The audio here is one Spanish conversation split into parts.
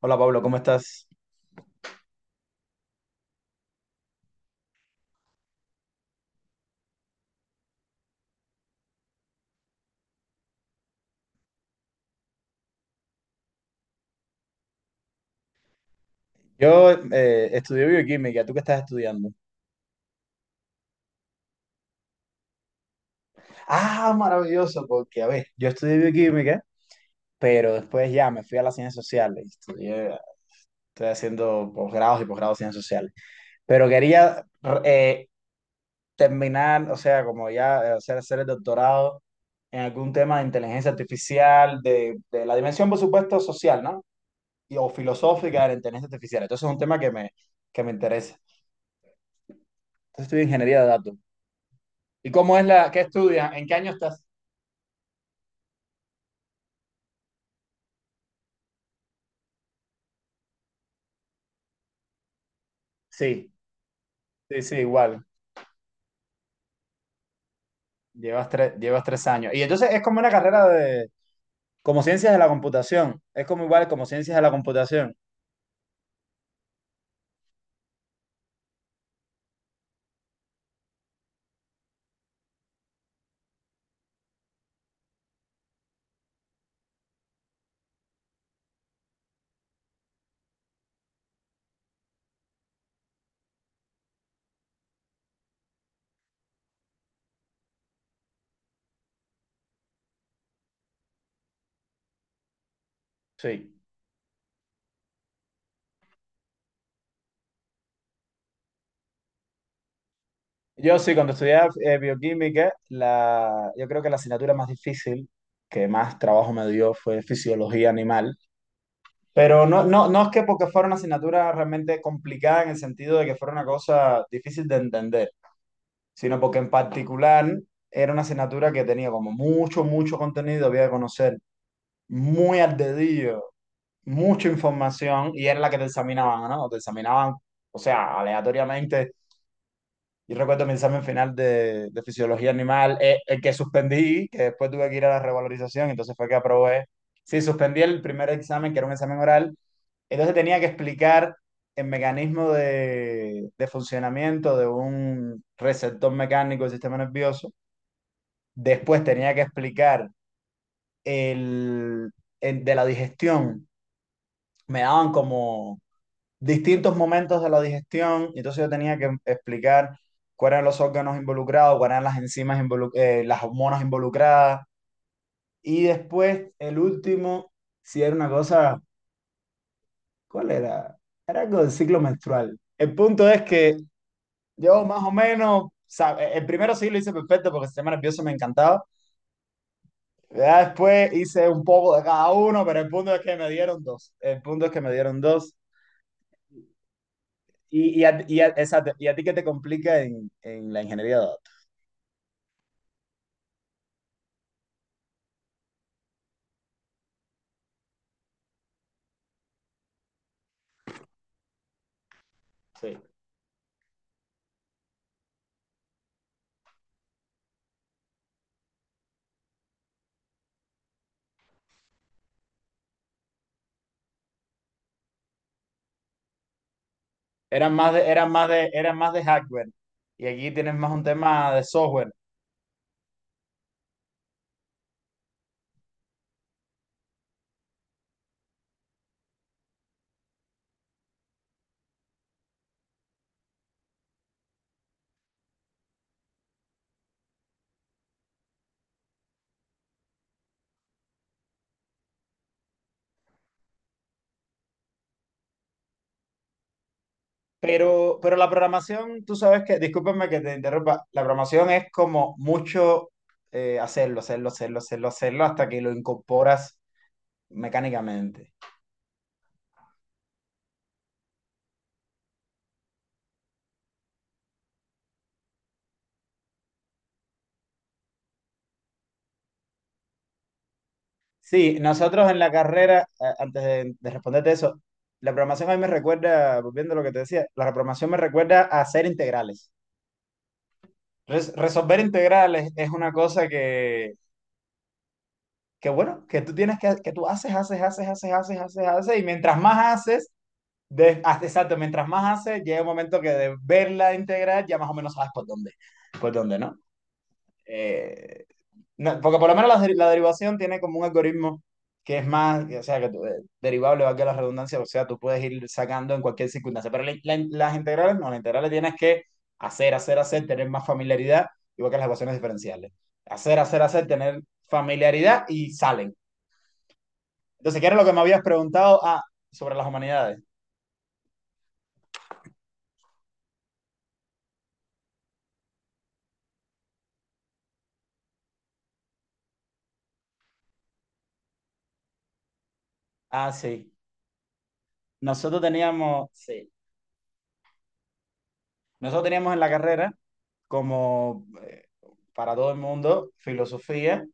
Hola Pablo, ¿cómo estás? Yo estudié bioquímica, ¿tú qué estás estudiando? Ah, maravilloso, porque a ver, yo estudié bioquímica, pero después ya me fui a las ciencias sociales, estudié, estoy haciendo posgrados y posgrados en ciencias sociales, pero quería eh, terminar, o sea, como ya hacer el doctorado en algún tema de inteligencia artificial, de la dimensión, por supuesto, social, ¿no? Y, o filosófica de la inteligencia artificial. Entonces es un tema que me interesa. Entonces estudio ingeniería de datos. ¿Y cómo es la, qué estudias? ¿En qué año estás? Sí, sí, sí, igual. Llevas tres años. Y entonces es como una carrera de, como ciencias de la computación. Es como igual como ciencias de la computación. Sí. Yo sí, cuando estudié bioquímica, la, yo creo que la asignatura más difícil, que más trabajo me dio, fue fisiología animal. Pero no es que porque fuera una asignatura realmente complicada en el sentido de que fuera una cosa difícil de entender. Sino porque en particular era una asignatura que tenía como mucho, mucho contenido, había que conocer muy al dedillo, mucha información y era la que te examinaban, ¿no? Te examinaban, o sea, aleatoriamente. Yo recuerdo mi examen final de fisiología animal, el que suspendí, que después tuve que ir a la revalorización, entonces fue que aprobé. Sí, suspendí el primer examen, que era un examen oral, entonces tenía que explicar el mecanismo de funcionamiento de un receptor mecánico del sistema nervioso. Después tenía que explicar el, el de la digestión. Me daban como distintos momentos de la digestión, y entonces yo tenía que explicar cuáles eran los órganos involucrados, cuáles eran las enzimas, las hormonas involucradas. Y después, el último, si era una cosa, ¿cuál era? Era algo del ciclo menstrual. El punto es que yo más o menos, sabe, el primero sí lo hice perfecto porque el sistema nervioso me encantaba. Ya después hice un poco de cada uno, pero el punto es que me dieron dos. El punto es que me dieron dos. Exacto, y a ti que te complica en la ingeniería de datos. Sí. Eran más de hardware. Y aquí tienes más un tema de software. Pero la programación, tú sabes que, discúlpame que te interrumpa, la programación es como mucho hacerlo hasta que lo incorporas mecánicamente. Sí, nosotros en la carrera, antes de responderte eso, la programación a mí me recuerda, volviendo a lo que te decía, la programación me recuerda a hacer integrales. Resolver integrales es una cosa que bueno, que tú tienes que tú haces, y mientras más haces, exacto, mientras más haces, llega un momento que de verla integral ya más o menos sabes por dónde, ¿no? Eh, No, porque por lo menos la, la derivación tiene como un algoritmo que es más, o sea, que derivable, valga la redundancia, o sea, tú puedes ir sacando en cualquier circunstancia, pero las integrales no, las integrales tienes que tener más familiaridad, igual que las ecuaciones diferenciales. Tener familiaridad y salen. Entonces, ¿qué era lo que me habías preguntado? Ah, sobre las humanidades. Ah, sí. Nosotros teníamos, sí. Nosotros teníamos en la carrera como para todo el mundo filosofía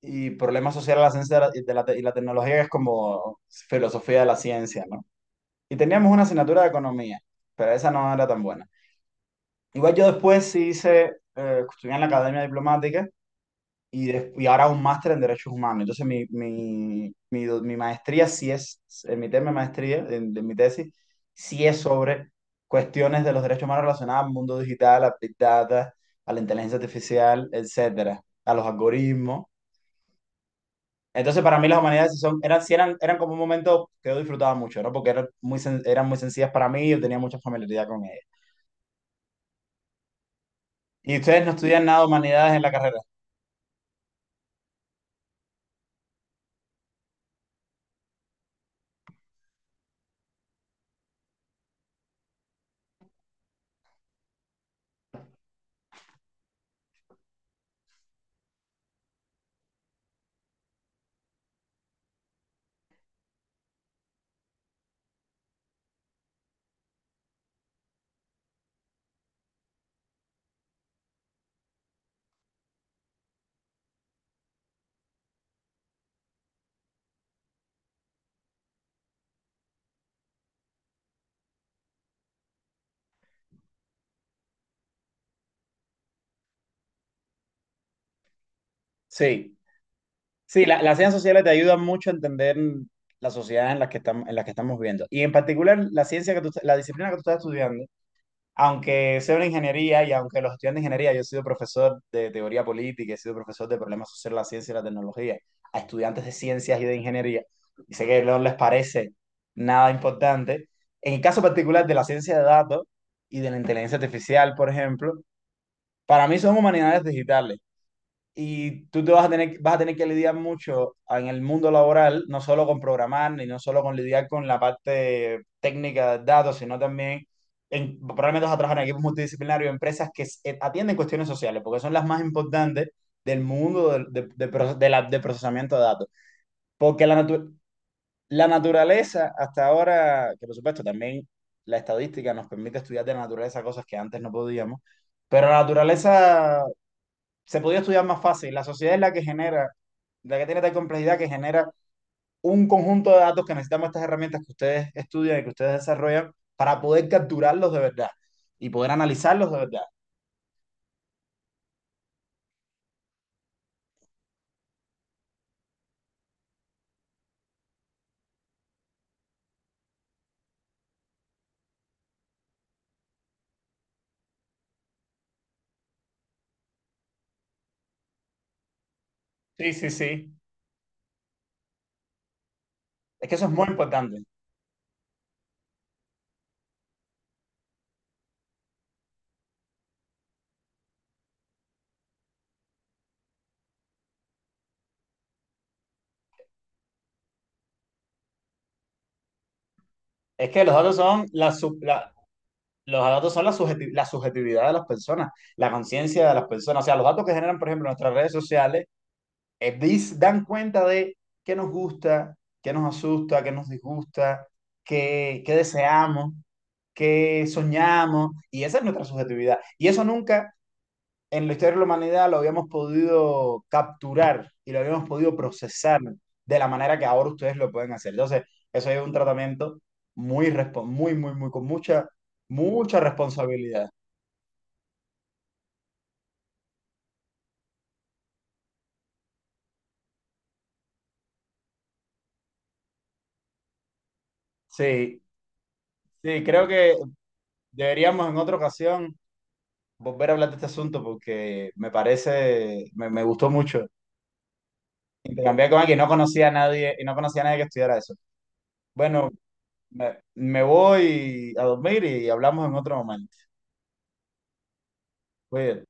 y problemas sociales de la ciencia y la tecnología es como filosofía de la ciencia, ¿no? Y teníamos una asignatura de economía, pero esa no era tan buena. Igual yo después sí hice, estudié en la Academia Diplomática y, y ahora un máster en Derechos Humanos. Entonces mi maestría sí es, en mi tema de maestría, en, de mi tesis, sí es sobre cuestiones de los derechos humanos relacionadas al mundo digital, a Big Data, a la inteligencia artificial, etcétera, a los algoritmos. Entonces, para mí las humanidades sí son, eran, sí eran, eran como un momento que yo disfrutaba mucho, ¿no? Porque eran eran muy sencillas para mí y yo tenía mucha familiaridad con ellas. ¿Y ustedes no estudian nada de humanidades en la carrera? Sí, sí, las ciencias sociales te ayudan mucho a entender la sociedad en la que estamos, en la que estamos viviendo. Y en particular, la ciencia que tú, la disciplina que tú estás estudiando, aunque sea una ingeniería y aunque los estudiantes de ingeniería, yo he sido profesor de teoría política, he sido profesor de problemas sociales, la ciencia y la tecnología, a estudiantes de ciencias y de ingeniería, y sé que no les parece nada importante. En el caso particular de la ciencia de datos y de la inteligencia artificial, por ejemplo, para mí son humanidades digitales. Y tú te vas a tener que lidiar mucho en el mundo laboral, no solo con programar, ni no solo con lidiar con la parte técnica de datos, sino también en, probablemente vas a trabajar en equipos multidisciplinarios, empresas que atienden cuestiones sociales, porque son las más importantes del mundo de procesamiento de datos. Porque la naturaleza, hasta ahora, que por supuesto también la estadística nos permite estudiar de la naturaleza cosas que antes no podíamos, pero la naturaleza se podía estudiar más fácil. La sociedad es la que genera, la que tiene tal complejidad que genera un conjunto de datos que necesitamos estas herramientas que ustedes estudian y que ustedes desarrollan para poder capturarlos de verdad y poder analizarlos de verdad. Sí, sí, sí. Es que eso es muy importante. Es que los datos son los datos son la subjetividad de las personas, la conciencia de las personas. O sea, los datos que generan, por ejemplo, nuestras redes sociales dan cuenta de qué nos gusta, qué nos asusta, qué nos disgusta, qué, qué deseamos, qué soñamos, y esa es nuestra subjetividad. Y eso nunca en la historia de la humanidad lo habíamos podido capturar y lo habíamos podido procesar de la manera que ahora ustedes lo pueden hacer. Entonces, eso es un tratamiento muy, con mucha responsabilidad. Sí, sí, creo que deberíamos en otra ocasión volver a hablar de este asunto porque me parece, me gustó mucho. Intercambiar con alguien, no conocía a nadie y no conocía a nadie que estudiara eso. Bueno, me voy a dormir y hablamos en otro momento. Cuídate.